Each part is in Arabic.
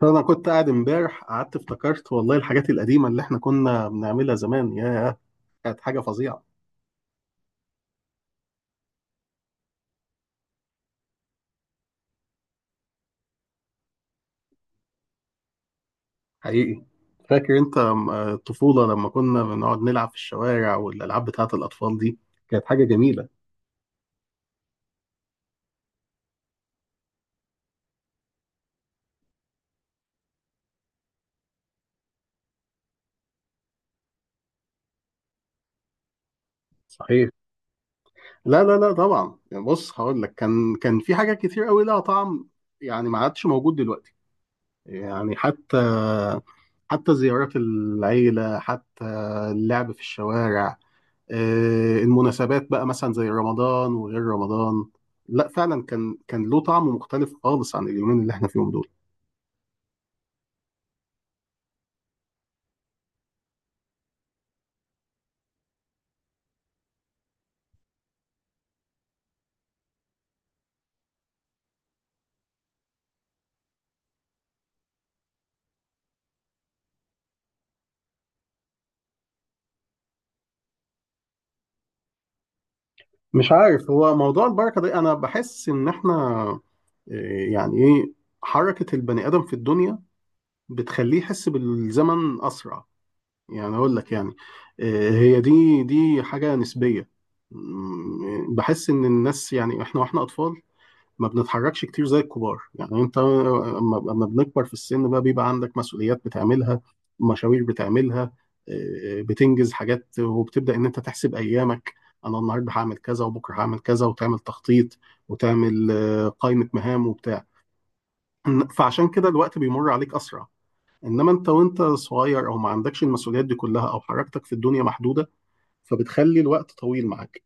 فانا كنت قاعد امبارح، قعدت افتكرت والله الحاجات القديمه اللي احنا كنا بنعملها زمان يا. كانت حاجه فظيعه. حقيقي. فاكر انت الطفوله لما كنا بنقعد نلعب في الشوارع والالعاب بتاعه الاطفال دي. كانت حاجه جميله. صحيح. لا لا لا، طبعا يعني، بص هقول لك كان في حاجات كتير قوي لها طعم يعني ما عادش موجود دلوقتي. يعني حتى، حتى زيارات العيله، حتى اللعب في الشوارع، المناسبات بقى مثلا زي رمضان وغير رمضان. لا فعلا كان له طعم مختلف خالص عن اليومين اللي احنا فيهم دول. مش عارف، هو موضوع البركة ده انا بحس ان احنا يعني ايه، حركة البني ادم في الدنيا بتخليه يحس بالزمن اسرع. يعني اقول لك يعني، هي دي حاجة نسبية. بحس ان الناس، يعني احنا واحنا اطفال ما بنتحركش كتير زي الكبار. يعني انت أما بنكبر في السن بقى بيبقى عندك مسؤوليات بتعملها، مشاوير بتعملها، بتنجز حاجات، وبتبدأ ان انت تحسب ايامك. انا النهارده هعمل كذا وبكره هعمل كذا، وتعمل تخطيط، وتعمل قائمة مهام وبتاع. فعشان كده الوقت بيمر عليك اسرع. انما انت وانت صغير او ما عندكش المسؤوليات دي كلها او حركتك في الدنيا محدودة، فبتخلي الوقت طويل معاك.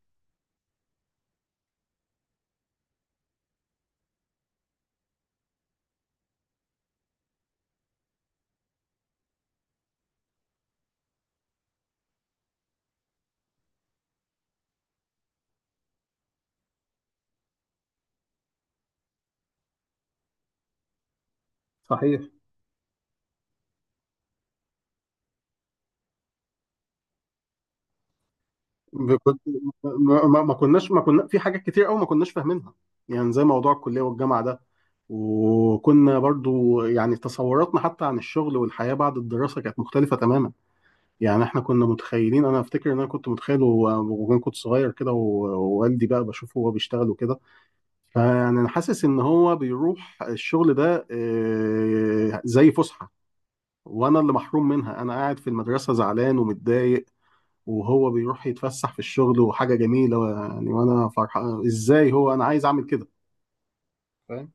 صحيح. كنت، ما كنا في حاجات كتير قوي ما كناش فاهمينها، يعني زي موضوع الكلية والجامعة ده. وكنا برضو يعني تصوراتنا حتى عن الشغل والحياة بعد الدراسة كانت مختلفة تماما. يعني احنا كنا متخيلين، انا افتكر ان انا كنت متخيل وانا كنت صغير كده، ووالدي بقى بشوفه وهو بيشتغل وكده. فيعني انا حاسس ان هو بيروح الشغل ده زي فسحة، وانا اللي محروم منها، انا قاعد في المدرسة زعلان ومتضايق وهو بيروح يتفسح في الشغل وحاجة جميلة يعني. وأنا فرحان، إزاي هو؟ أنا عايز أعمل كده. فاهم؟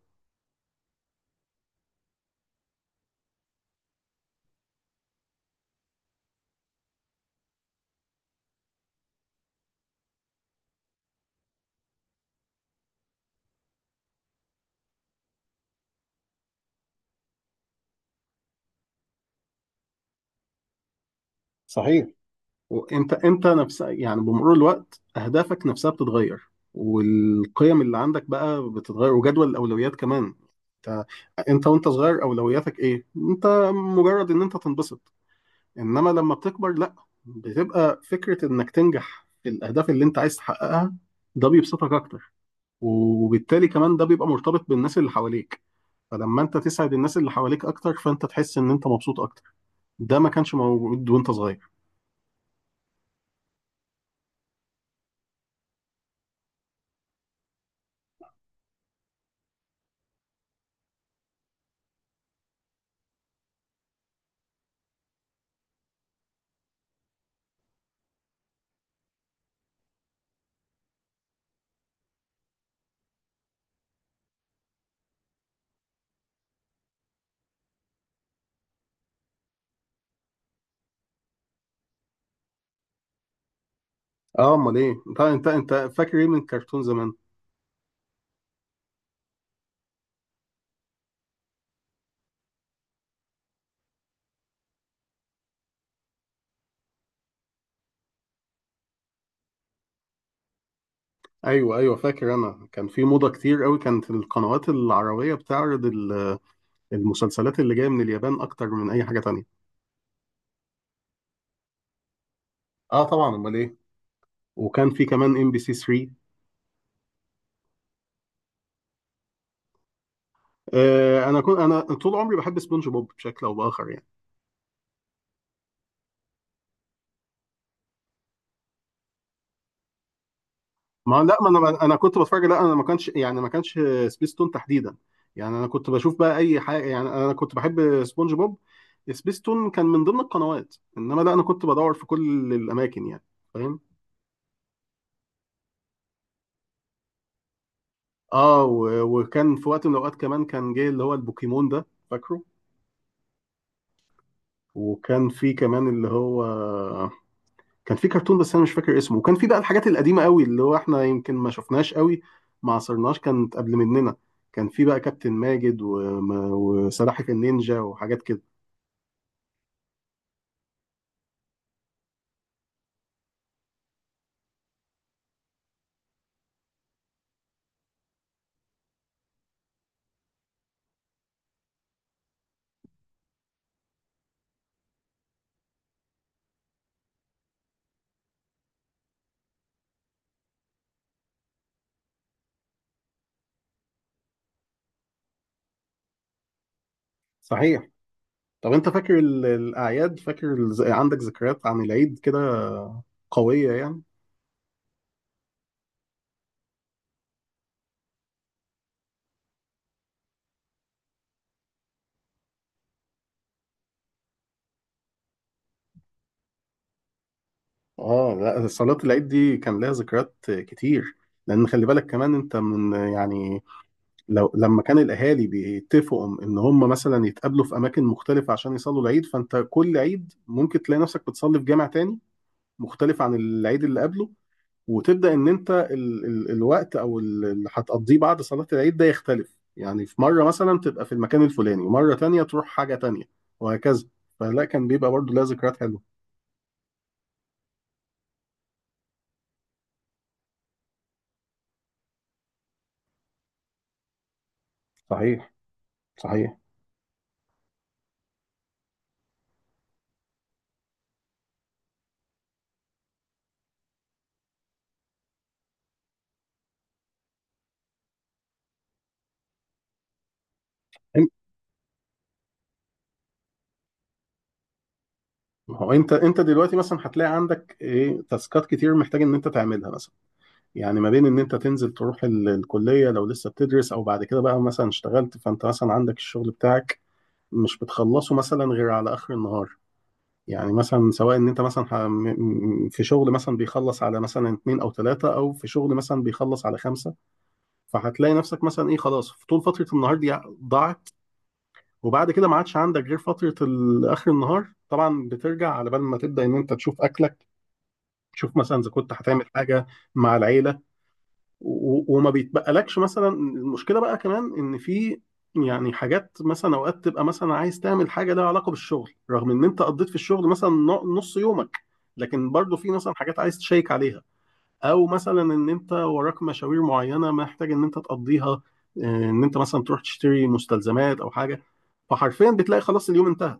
صحيح. وأنت نفسها يعني بمرور الوقت أهدافك نفسها بتتغير، والقيم اللي عندك بقى بتتغير، وجدول الأولويات كمان. أنت أنت وأنت صغير أولوياتك إيه؟ أنت مجرد إن أنت تنبسط. إنما لما بتكبر لأ، بتبقى فكرة إنك تنجح في الأهداف اللي أنت عايز تحققها. ده بيبسطك أكتر. وبالتالي كمان ده بيبقى مرتبط بالناس اللي حواليك. فلما انت تسعد الناس اللي حواليك اكتر، فانت تحس ان انت مبسوط اكتر. ده ما كانش موجود وانت صغير. اه، امال ايه؟ انت فاكر ايه من الكرتون زمان؟ ايوه ايوه، فاكر انا كان في موضه كتير قوي، كانت القنوات العربيه بتعرض المسلسلات اللي جايه من اليابان اكتر من اي حاجه تانية. اه طبعا، امال ايه. وكان في كمان ام بي سي 3. آه، انا كنت، انا طول عمري بحب سبونج بوب بشكل او باخر يعني. ما لا، ما انا كنت بتفرج، لا انا ما كانش يعني، ما كانش سبيس تون تحديدا. يعني انا كنت بشوف بقى اي حاجه، يعني انا كنت بحب سبونج بوب. سبيس تون كان من ضمن القنوات، انما لا، انا كنت بدور في كل الاماكن يعني. فاهم؟ اه، وكان في وقت من الاوقات كمان كان جاي اللي هو البوكيمون ده، فاكره. وكان في كمان اللي هو، كان في كرتون بس انا مش فاكر اسمه. وكان في بقى الحاجات القديمه قوي اللي هو احنا يمكن ما شفناش قوي، ما عصرناش، كانت قبل مننا. كان في بقى كابتن ماجد وم- وسلاحف النينجا وحاجات كده. صحيح. طب انت فاكر الاعياد؟ فاكر عندك ذكريات عن العيد كده قويه يعني؟ اه لا، صلاه العيد دي كان لها ذكريات كتير. لان خلي بالك كمان انت من يعني، لو لما كان الاهالي بيتفقوا ان هم مثلا يتقابلوا في اماكن مختلفه عشان يصلوا العيد، فانت كل عيد ممكن تلاقي نفسك بتصلي في جامع تاني مختلف عن العيد اللي قبله. وتبدا ان انت ال الوقت، او اللي هتقضيه بعد صلاه العيد ده يختلف. يعني في مره مثلا تبقى في المكان الفلاني، ومره تانية تروح حاجه تانية، وهكذا. فلا، كان بيبقى برضو لها ذكريات حلوه. صحيح. صحيح. إن- هو انت دلوقتي مثلا هتلاقي عندك ايه، تاسكات كتير محتاج ان انت تعملها مثلا. يعني ما بين ان انت تنزل تروح الكلية لو لسه بتدرس، او بعد كده بقى مثلا اشتغلت فانت مثلا عندك الشغل بتاعك مش بتخلصه مثلا غير على اخر النهار. يعني مثلا سواء ان انت مثلا في شغل مثلا بيخلص على مثلا اتنين او تلاتة، او في شغل مثلا بيخلص على خمسة. فهتلاقي نفسك مثلا ايه، خلاص في طول فترة النهار دي ضاعت. وبعد كده ما عادش عندك غير فترة اخر النهار. طبعا بترجع على بال ما تبدأ ان انت تشوف اكلك، تشوف مثلا اذا كنت هتعمل حاجة مع العيلة. وما بيتبقلكش مثلا. المشكله بقى كمان ان في يعني حاجات مثلا اوقات تبقى مثلا عايز تعمل حاجه لها علاقه بالشغل رغم ان انت قضيت في الشغل مثلا نص يومك، لكن برضو في مثلا حاجات عايز تشيك عليها. او مثلا ان انت وراك مشاوير معينه محتاج ان انت تقضيها، ان انت مثلا تروح تشتري مستلزمات او حاجه. فحرفيا بتلاقي خلاص اليوم انتهى.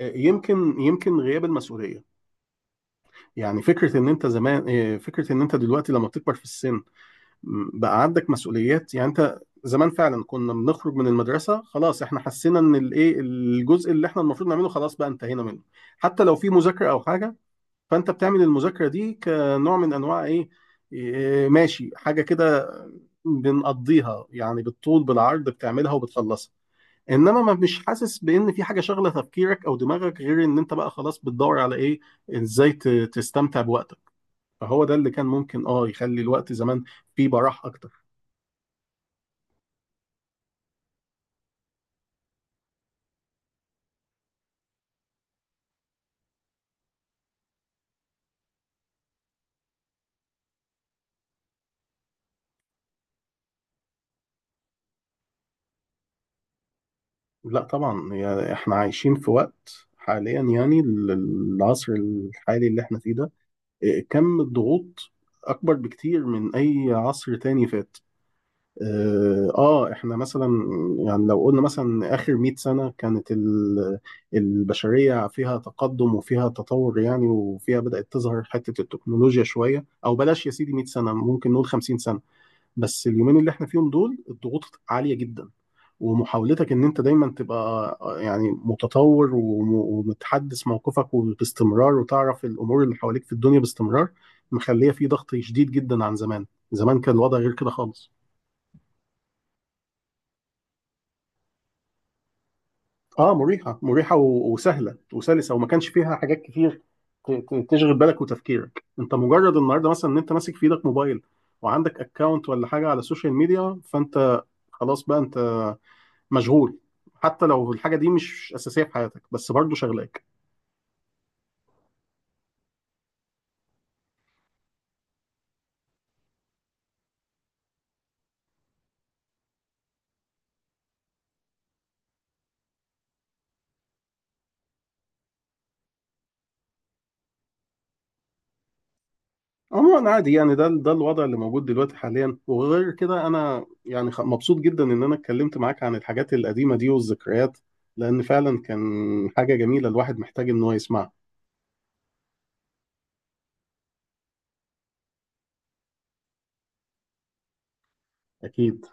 يمكن غياب المسؤوليه. يعني فكره ان انت زمان، فكره ان انت دلوقتي لما بتكبر في السن، بقى عندك مسؤوليات. يعني انت زمان فعلا كنا بنخرج من المدرسه، خلاص احنا حسينا ان الايه، الجزء اللي احنا المفروض نعمله خلاص بقى انتهينا منه. حتى لو في مذاكره او حاجه، فانت بتعمل المذاكره دي كنوع من انواع ايه، إيه، ماشي حاجه كده، بنقضيها يعني بالطول بالعرض بتعملها وبتخلصها. انما ما مش حاسس بان في حاجه شغله تفكيرك او دماغك غير ان انت بقى خلاص بتدور على ايه، ازاي تستمتع بوقتك. فهو ده اللي كان ممكن اه يخلي الوقت زمان فيه براح اكتر. لا طبعا، هي احنا عايشين في وقت حاليا يعني العصر الحالي اللي احنا فيه ده، إيه، كم الضغوط اكبر بكتير من اي عصر تاني فات. اه، احنا مثلا يعني لو قلنا مثلا اخر 100 سنة كانت البشرية فيها تقدم وفيها تطور، يعني وفيها بدأت تظهر حتة التكنولوجيا شوية، او بلاش يا سيدي 100 سنة، ممكن نقول 50 سنة. بس اليومين اللي احنا فيهم دول الضغوط عالية جدا. ومحاولتك ان انت دايما تبقى يعني متطور وم- ومتحدث موقفك وباستمرار، وتعرف الامور اللي حواليك في الدنيا باستمرار، مخلية في ضغط شديد جدا عن زمان. زمان كان الوضع غير كده خالص. اه مريحة، مريحة وسهلة وسلسة، وما كانش فيها حاجات كتير تشغل بالك وتفكيرك. انت مجرد النهارده مثلا ان انت ماسك في ايدك موبايل وعندك اكونت ولا حاجة على السوشيال ميديا، فانت خلاص بقى انت مشغول. حتى لو الحاجه دي مش اساسيه في حياتك بس برضه شغلاك. عموما عادي يعني، ده الوضع اللي موجود دلوقتي حاليا. وغير كده، انا يعني مبسوط جدا ان انا اتكلمت معاك عن الحاجات القديمه دي والذكريات، لان فعلا كان حاجه جميله الواحد محتاج ان هو يسمعها. اكيد.